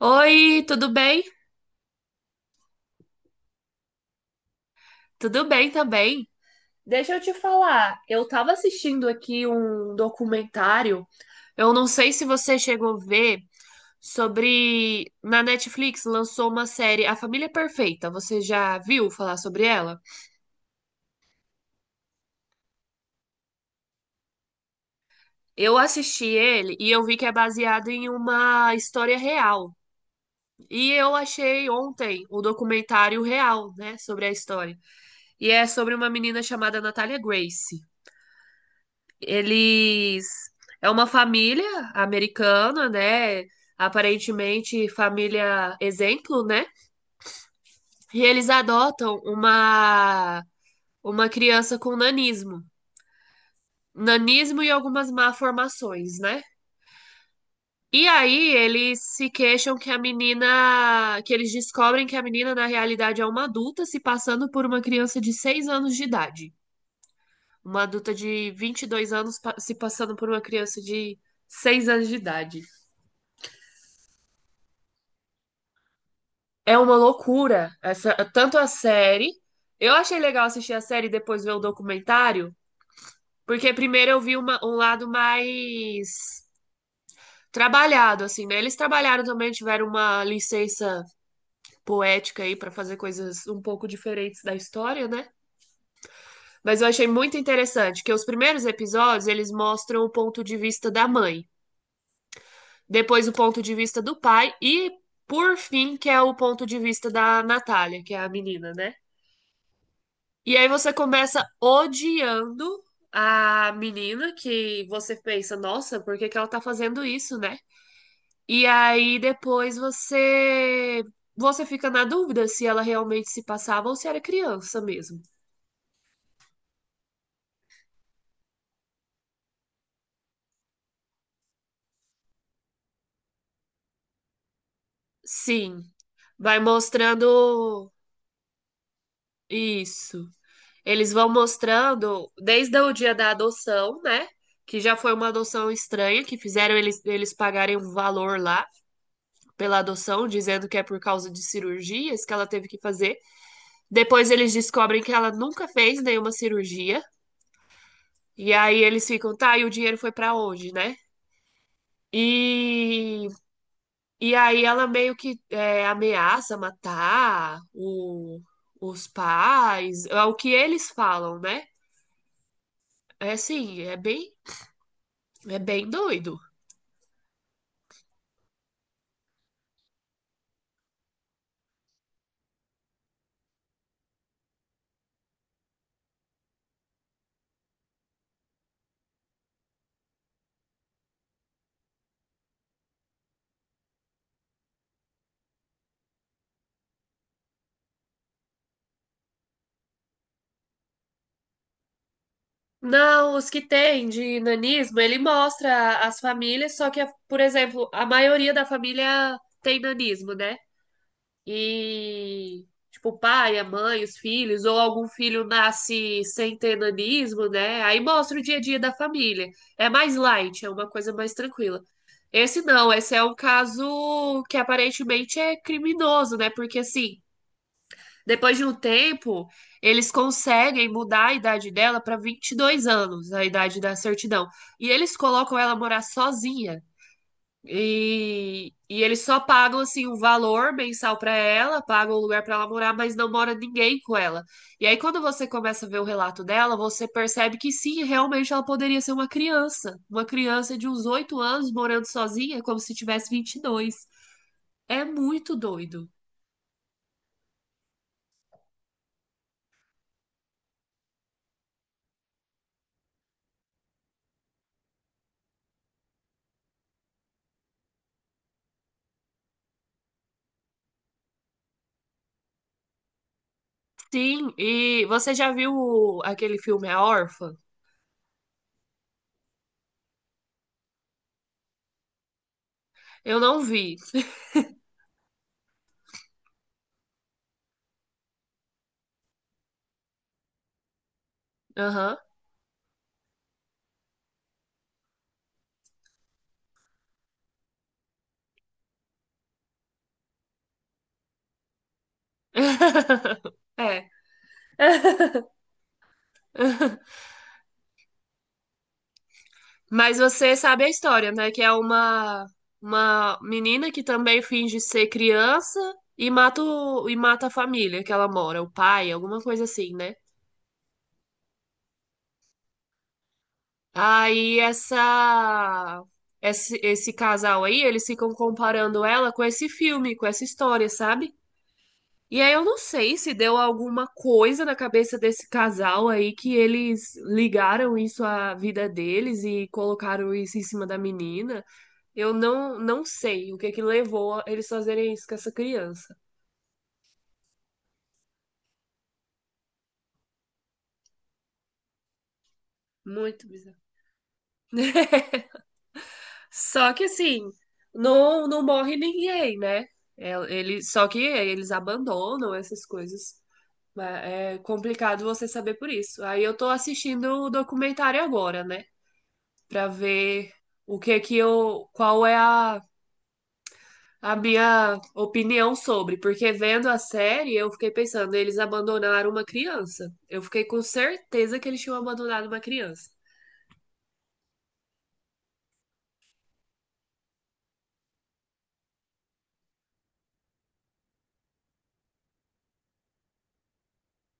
Oi, tudo bem? Tudo bem também. Deixa eu te falar, eu tava assistindo aqui um documentário, eu não sei se você chegou a ver, sobre. Na Netflix lançou uma série, A Família Perfeita. Você já viu falar sobre ela? Eu assisti ele e eu vi que é baseado em uma história real. E eu achei ontem o documentário real, né, sobre a história. E é sobre uma menina chamada Natália Grace. Eles É uma família americana, né? Aparentemente família exemplo, né? E eles adotam uma criança com nanismo, nanismo e algumas malformações, né? E aí eles se queixam que a menina, que eles descobrem que a menina na realidade é uma adulta se passando por uma criança de 6 anos de idade. Uma adulta de 22 anos se passando por uma criança de 6 anos de idade. É uma loucura. Essa, tanto a série. Eu achei legal assistir a série e depois ver o documentário, porque primeiro eu vi um lado mais trabalhado, assim, né? Eles trabalharam também, tiveram uma licença poética aí para fazer coisas um pouco diferentes da história, né? Mas eu achei muito interessante que os primeiros episódios eles mostram o ponto de vista da mãe, depois o ponto de vista do pai e, por fim, que é o ponto de vista da Natália, que é a menina, né? E aí você começa odiando a menina que você pensa, nossa, por que que ela tá fazendo isso, né? E aí depois você fica na dúvida se ela realmente se passava ou se era criança mesmo. Sim, vai mostrando isso. Eles vão mostrando desde o dia da adoção, né? Que já foi uma adoção estranha, que fizeram eles, eles pagarem um valor lá pela adoção, dizendo que é por causa de cirurgias que ela teve que fazer. Depois eles descobrem que ela nunca fez nenhuma cirurgia. E aí eles ficam, tá, e o dinheiro foi pra onde, né? E, e aí ela meio que ameaça matar os pais, é o que eles falam, né? É assim, é bem doido. Não, os que têm de nanismo, ele mostra as famílias, só que, por exemplo, a maioria da família tem nanismo, né? E tipo o pai, a mãe, os filhos, ou algum filho nasce sem ter nanismo, né? Aí mostra o dia a dia da família. É mais light, é uma coisa mais tranquila. Esse não, esse é um caso que aparentemente é criminoso, né? Porque assim, depois de um tempo, eles conseguem mudar a idade dela para 22 anos, a idade da certidão. E eles colocam ela morar sozinha. E eles só pagam assim um valor mensal pra ela, pagam um lugar pra ela morar, mas não mora ninguém com ela. E aí quando você começa a ver o relato dela, você percebe que sim, realmente ela poderia ser uma criança de uns 8 anos morando sozinha, como se tivesse 22. É muito doido. Sim, e você já viu aquele filme A Órfã? Eu não vi. Aham. É. Mas você sabe a história, né? Que é uma menina que também finge ser criança e mata, e mata a família que ela mora, o pai, alguma coisa assim, né? Aí essa, esse casal aí, eles ficam comparando ela com esse filme, com essa história, sabe? E aí eu não sei se deu alguma coisa na cabeça desse casal aí que eles ligaram isso à vida deles e colocaram isso em cima da menina. Eu não, não sei o que que levou a eles fazerem isso com essa criança. Muito bizarro. Só que assim, não, não morre ninguém, né? É, ele, só que eles abandonam essas coisas. É complicado você saber por isso. Aí eu tô assistindo o documentário agora, né? Pra ver o que que eu, qual é a minha opinião sobre. Porque vendo a série, eu fiquei pensando, eles abandonaram uma criança. Eu fiquei com certeza que eles tinham abandonado uma criança.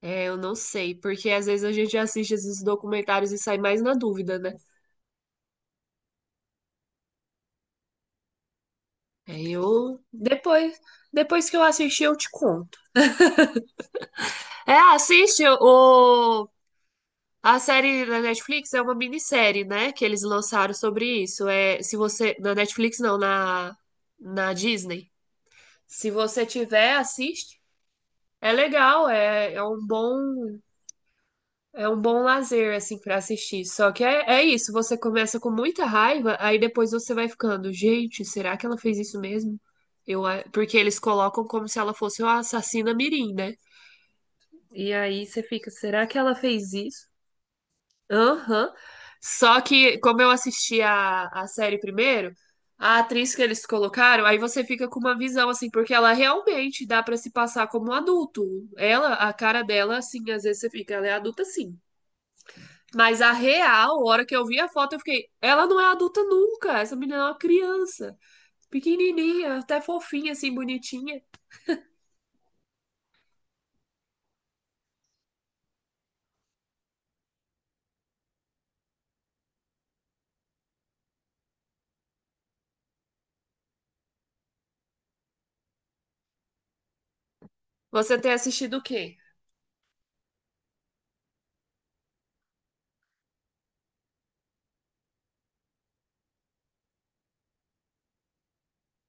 É, eu não sei, porque às vezes a gente assiste esses documentários e sai mais na dúvida, né? Aí eu depois, depois que eu assistir eu te conto. É, assiste o a série da Netflix é uma minissérie, né, que eles lançaram sobre isso. É, se você na Netflix não, na Disney. Se você tiver, assiste. É legal, É um bom lazer, assim, pra assistir. Só que é, é isso, você começa com muita raiva, aí depois você vai ficando, gente, será que ela fez isso mesmo? Eu, a- porque eles colocam como se ela fosse uma assassina mirim, né? E aí você fica, será que ela fez isso? Aham. Só que, como eu assisti a série primeiro, a atriz que eles colocaram, aí você fica com uma visão, assim, porque ela realmente dá pra se passar como um adulto. Ela, a cara dela, assim, às vezes você fica, ela é adulta, sim. Mas a real, a hora que eu vi a foto, eu fiquei, ela não é adulta nunca. Essa menina é uma criança, pequenininha, até fofinha, assim, bonitinha. Você tem assistido o quê?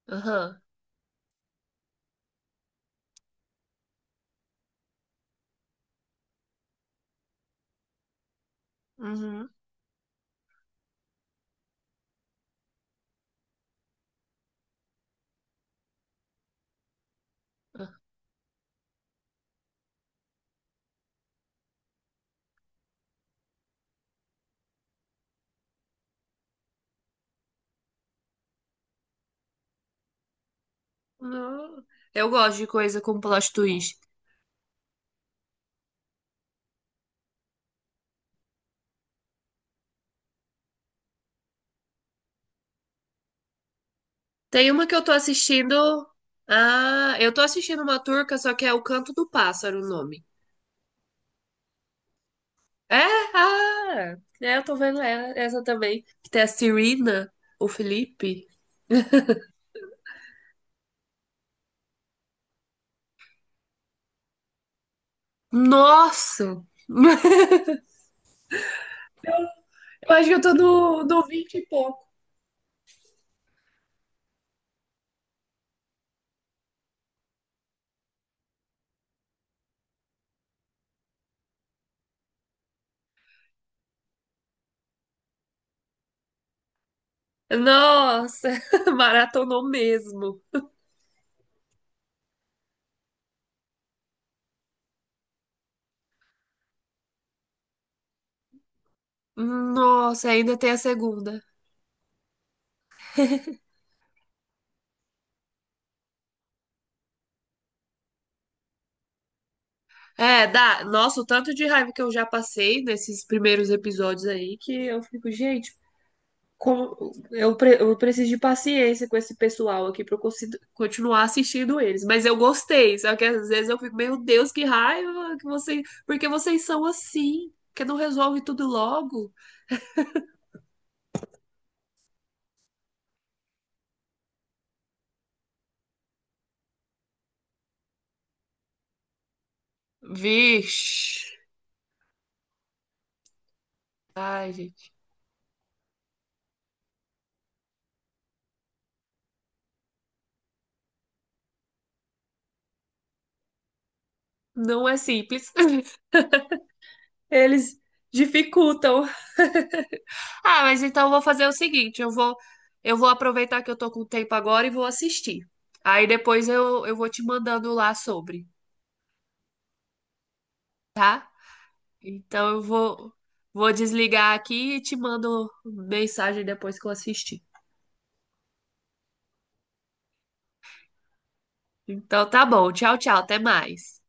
Aham. Uhum. Não. Eu gosto de coisa com plot twist. Tem uma que eu tô assistindo. Ah, eu tô assistindo uma turca, só que é O Canto do Pássaro o nome. É? Ah! É, eu tô vendo essa também. Que tem a Serena, o Felipe. Nossa! Eu acho que eu tô no 20 e pouco. Nossa, maratonou mesmo. Nossa, ainda tem a segunda. É, dá. Nossa, o tanto de raiva que eu já passei nesses primeiros episódios aí que eu fico, gente, como eu preciso de paciência com esse pessoal aqui pra eu continuar assistindo eles. Mas eu gostei, só que às vezes eu fico, meu Deus, que raiva que vocês, porque vocês são assim, que não resolve tudo logo. Vixe. Ai, gente, não é simples. Eles dificultam. Ah, mas então eu vou fazer o seguinte, eu vou aproveitar que eu tô com tempo agora e vou assistir. Aí depois eu vou te mandando lá sobre. Então eu vou desligar aqui e te mando mensagem depois que eu assistir. Então tá bom, tchau, tchau, até mais.